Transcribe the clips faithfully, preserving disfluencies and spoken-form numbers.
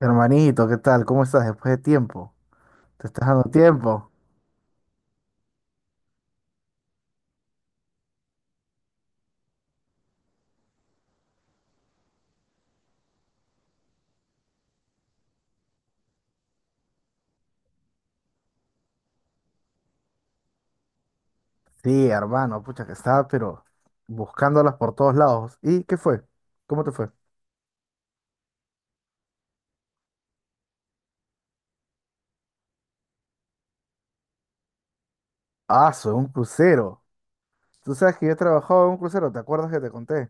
Hermanito, ¿qué tal? ¿Cómo estás después de tiempo? ¿Te estás dando tiempo? Sí, hermano, pucha que estaba, pero buscándolas por todos lados. ¿Y qué fue? ¿Cómo te fue? Ah, soy un crucero. Tú sabes que yo he trabajado en un crucero, ¿te acuerdas que te conté?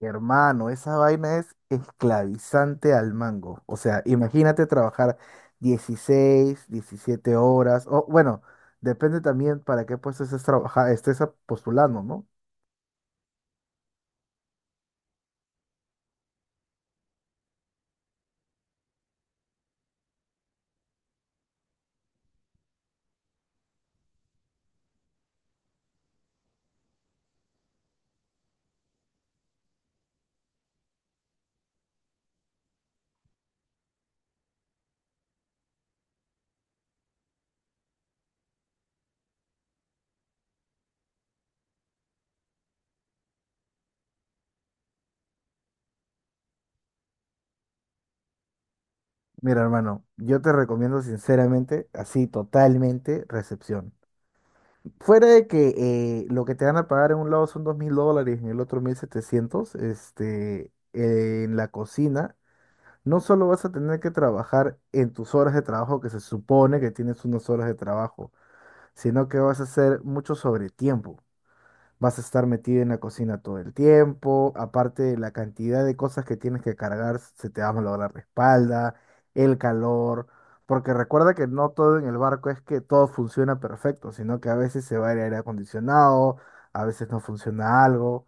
Hermano, esa vaina es esclavizante al mango. O sea, imagínate trabajar dieciséis, diecisiete horas, o bueno, depende también para qué puesto estés trabaja- estés postulando, ¿no? Mira, hermano, yo te recomiendo sinceramente, así totalmente, recepción. Fuera de que eh, lo que te van a pagar en un lado son dos mil dólares, en el otro mil setecientos, este, eh, en la cocina, no solo vas a tener que trabajar en tus horas de trabajo, que se supone que tienes unas horas de trabajo, sino que vas a hacer mucho sobretiempo. Vas a estar metida en la cocina todo el tiempo, aparte de la cantidad de cosas que tienes que cargar, se te va a malograr la espalda, el calor, porque recuerda que no todo en el barco es que todo funciona perfecto, sino que a veces se va el aire acondicionado, a veces no funciona algo.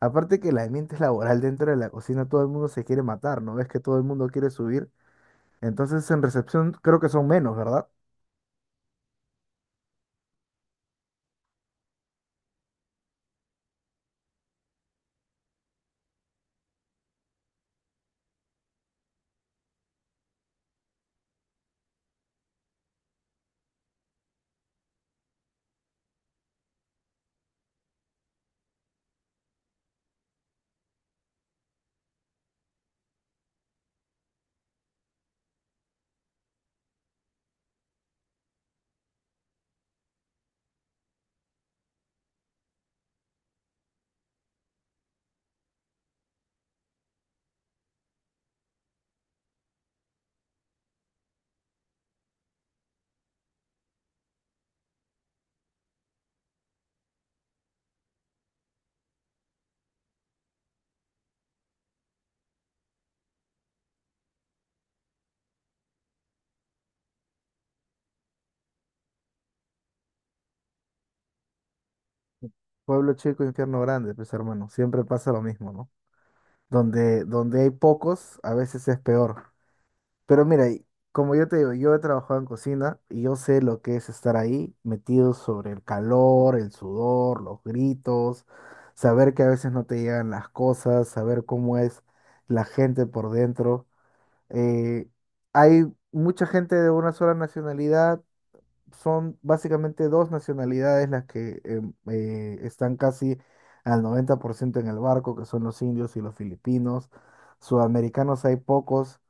Aparte que el ambiente laboral dentro de la cocina, todo el mundo se quiere matar, ¿no ves que todo el mundo quiere subir? Entonces en recepción creo que son menos, ¿verdad? Pueblo chico, infierno grande, pues hermano, siempre pasa lo mismo, ¿no? Donde, donde hay pocos, a veces es peor. Pero mira, y como yo te digo, yo he trabajado en cocina y yo sé lo que es estar ahí metido sobre el calor, el sudor, los gritos, saber que a veces no te llegan las cosas, saber cómo es la gente por dentro. Eh, hay mucha gente de una sola nacionalidad, son básicamente dos nacionalidades las que em, eh, están casi al noventa por ciento en el barco, que son los indios y los filipinos. Sudamericanos hay pocos.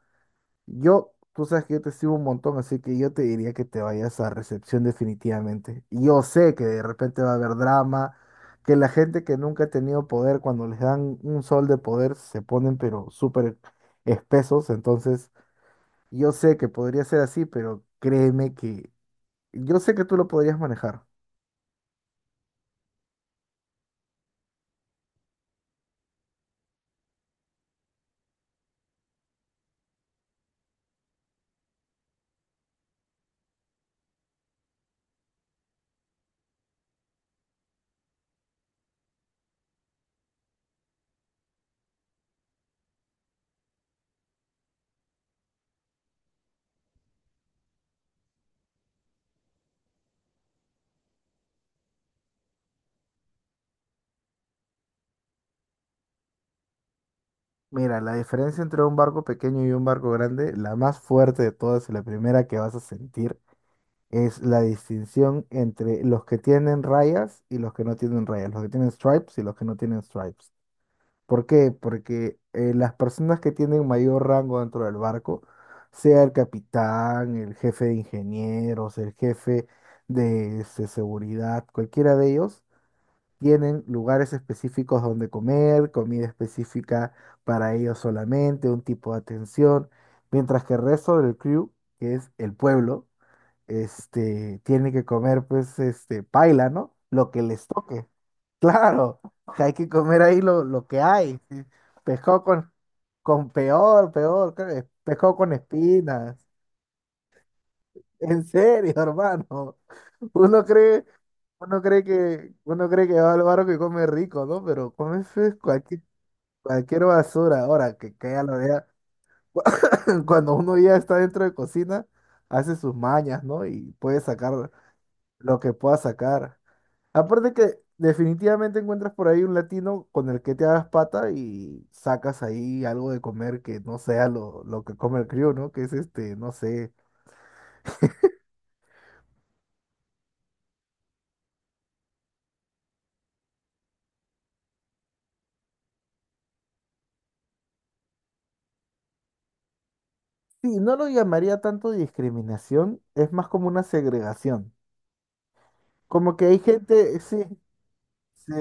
Yo, tú sabes que yo te sigo un montón, así que yo te diría que te vayas a recepción definitivamente. Y Yo sé que de repente va a haber drama, que la gente que nunca ha tenido poder, cuando les dan un sol de poder, se ponen pero súper espesos, entonces. Yo sé que podría ser así, pero créeme que yo sé que tú lo podrías manejar. Mira, la diferencia entre un barco pequeño y un barco grande, la más fuerte de todas y la primera que vas a sentir, es la distinción entre los que tienen rayas y los que no tienen rayas, los que tienen stripes y los que no tienen stripes. ¿Por qué? Porque eh, las personas que tienen mayor rango dentro del barco, sea el capitán, el jefe de ingenieros, el jefe de este, seguridad, cualquiera de ellos. Tienen lugares específicos donde comer, comida específica para ellos solamente, un tipo de atención, mientras que el resto del crew, que es el pueblo, este, tiene que comer pues este paila, ¿no? Lo que les toque. Claro, que hay que comer ahí lo, lo que hay. Sí. Pescado con, con peor, peor, creo, pescado con espinas. En serio, hermano. Uno cree, uno cree que, uno cree que va al barco y come rico, ¿no? Pero come fe- cualquier, cualquier basura. Ahora que, que ya lo vea. Cuando uno ya está dentro de cocina, hace sus mañas, ¿no? Y puede sacar lo que pueda sacar. Aparte que definitivamente encuentras por ahí un latino con el que te hagas pata y sacas ahí algo de comer que no sea lo, lo que come el crío, ¿no? Que es este, no sé. Sí, no lo llamaría tanto discriminación, es más como una segregación. Como que hay gente, sí, sí,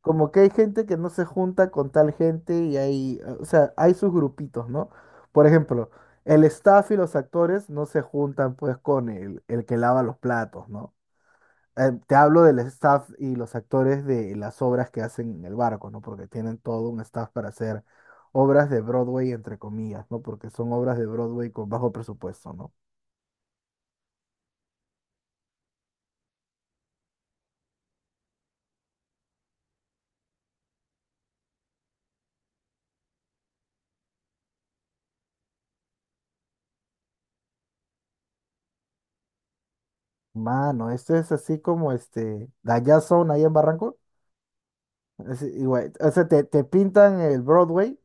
como que hay gente que no se junta con tal gente y hay, o sea, hay sus grupitos, ¿no? Por ejemplo, el staff y los actores no se juntan pues con el, el que lava los platos, ¿no? Eh, te hablo del staff y los actores de las obras que hacen en el barco, ¿no? Porque tienen todo un staff para hacer obras de Broadway, entre comillas, ¿no? Porque son obras de Broadway con bajo presupuesto, ¿no? Mano, esto es así como este, son ahí en Barranco. Es igual, o sea, te, te pintan el Broadway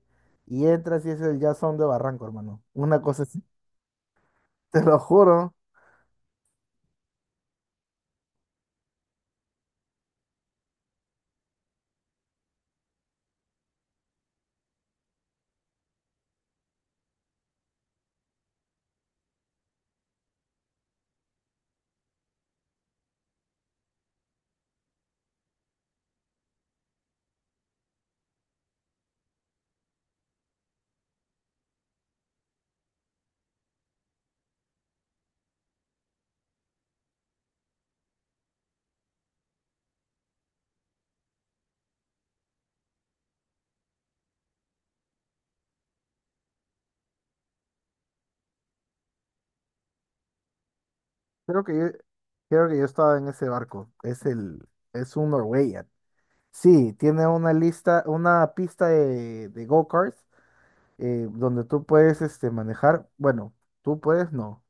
y entras y es el Jazz Sound de Barranco, hermano. Una cosa así, te lo juro. Creo que yo, creo que yo estaba en ese barco. Es el, es un Norwegian. Sí, tiene una lista, una pista de, de go-karts eh, donde tú puedes este, manejar. Bueno, tú puedes, no.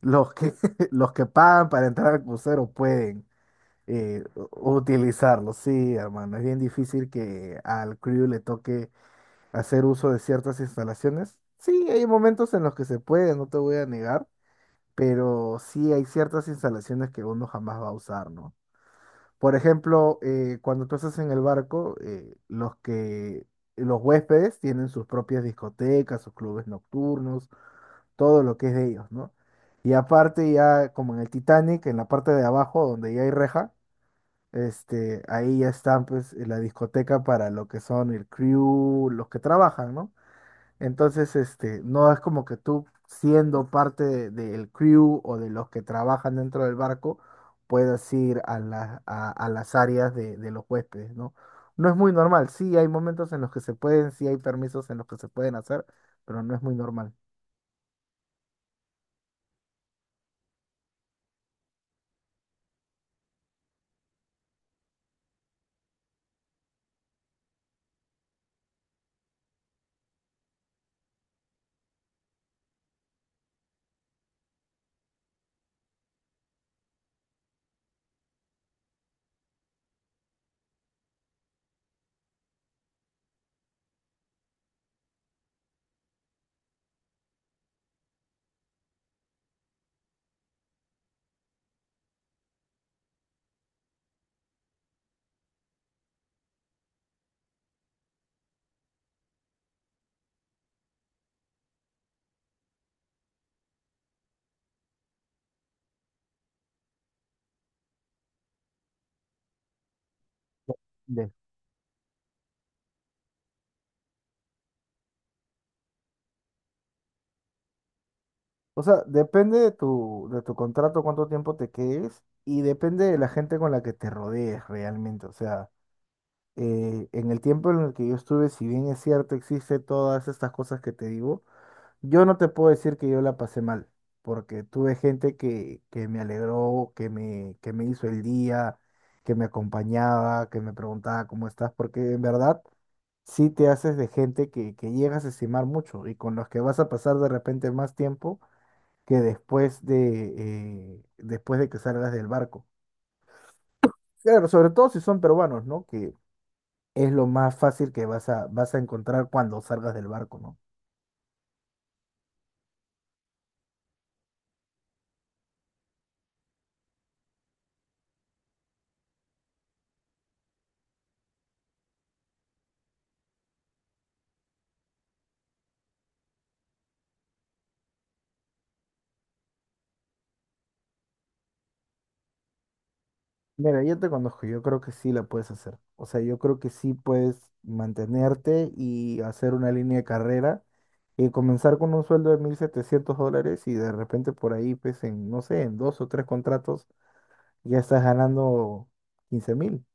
Los que, los que pagan para entrar al crucero pueden eh, u- utilizarlo. Sí, hermano, es bien difícil que al crew le toque hacer uso de ciertas instalaciones. Sí, hay momentos en los que se puede, no te voy a negar, pero sí hay ciertas instalaciones que uno jamás va a usar, ¿no? Por ejemplo, eh, cuando tú estás en el barco, eh, los que los huéspedes tienen sus propias discotecas, sus clubes nocturnos, todo lo que es de ellos, ¿no? Y aparte ya como en el Titanic, en la parte de abajo donde ya hay reja, este, ahí ya están pues la discoteca para lo que son el crew, los que trabajan, ¿no? Entonces, este, no es como que tú, siendo parte de- del crew o de los que trabajan dentro del barco, puedas ir a, la- a, a las áreas de, de los huéspedes, ¿no? No es muy normal. Sí, hay momentos en los que se pueden, sí hay permisos en los que se pueden hacer, pero no es muy normal. De- O sea, depende de tu, de tu contrato, cuánto tiempo te quedes y depende de la gente con la que te rodees realmente. O sea, eh, en el tiempo en el que yo estuve, si bien es cierto, existe todas estas cosas que te digo. Yo no te puedo decir que yo la pasé mal, porque tuve gente que, que me alegró, que me, que me hizo el día, que me acompañaba, que me preguntaba cómo estás, porque en verdad sí te haces de gente que, que llegas a estimar mucho y con los que vas a pasar de repente más tiempo que después de, eh, después de que salgas del barco. Claro, sobre todo si son peruanos, ¿no? Que es lo más fácil que vas a, vas a encontrar cuando salgas del barco, ¿no? Mira, yo te conozco, yo creo que sí la puedes hacer. O sea, yo creo que sí puedes mantenerte y hacer una línea de carrera y comenzar con un sueldo de mil setecientos dólares y de repente por ahí, pues en, no sé, en dos o tres contratos ya estás ganando quince mil.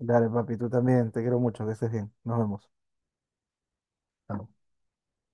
Dale, papi, tú también, te quiero mucho, que estés bien. Nos vemos.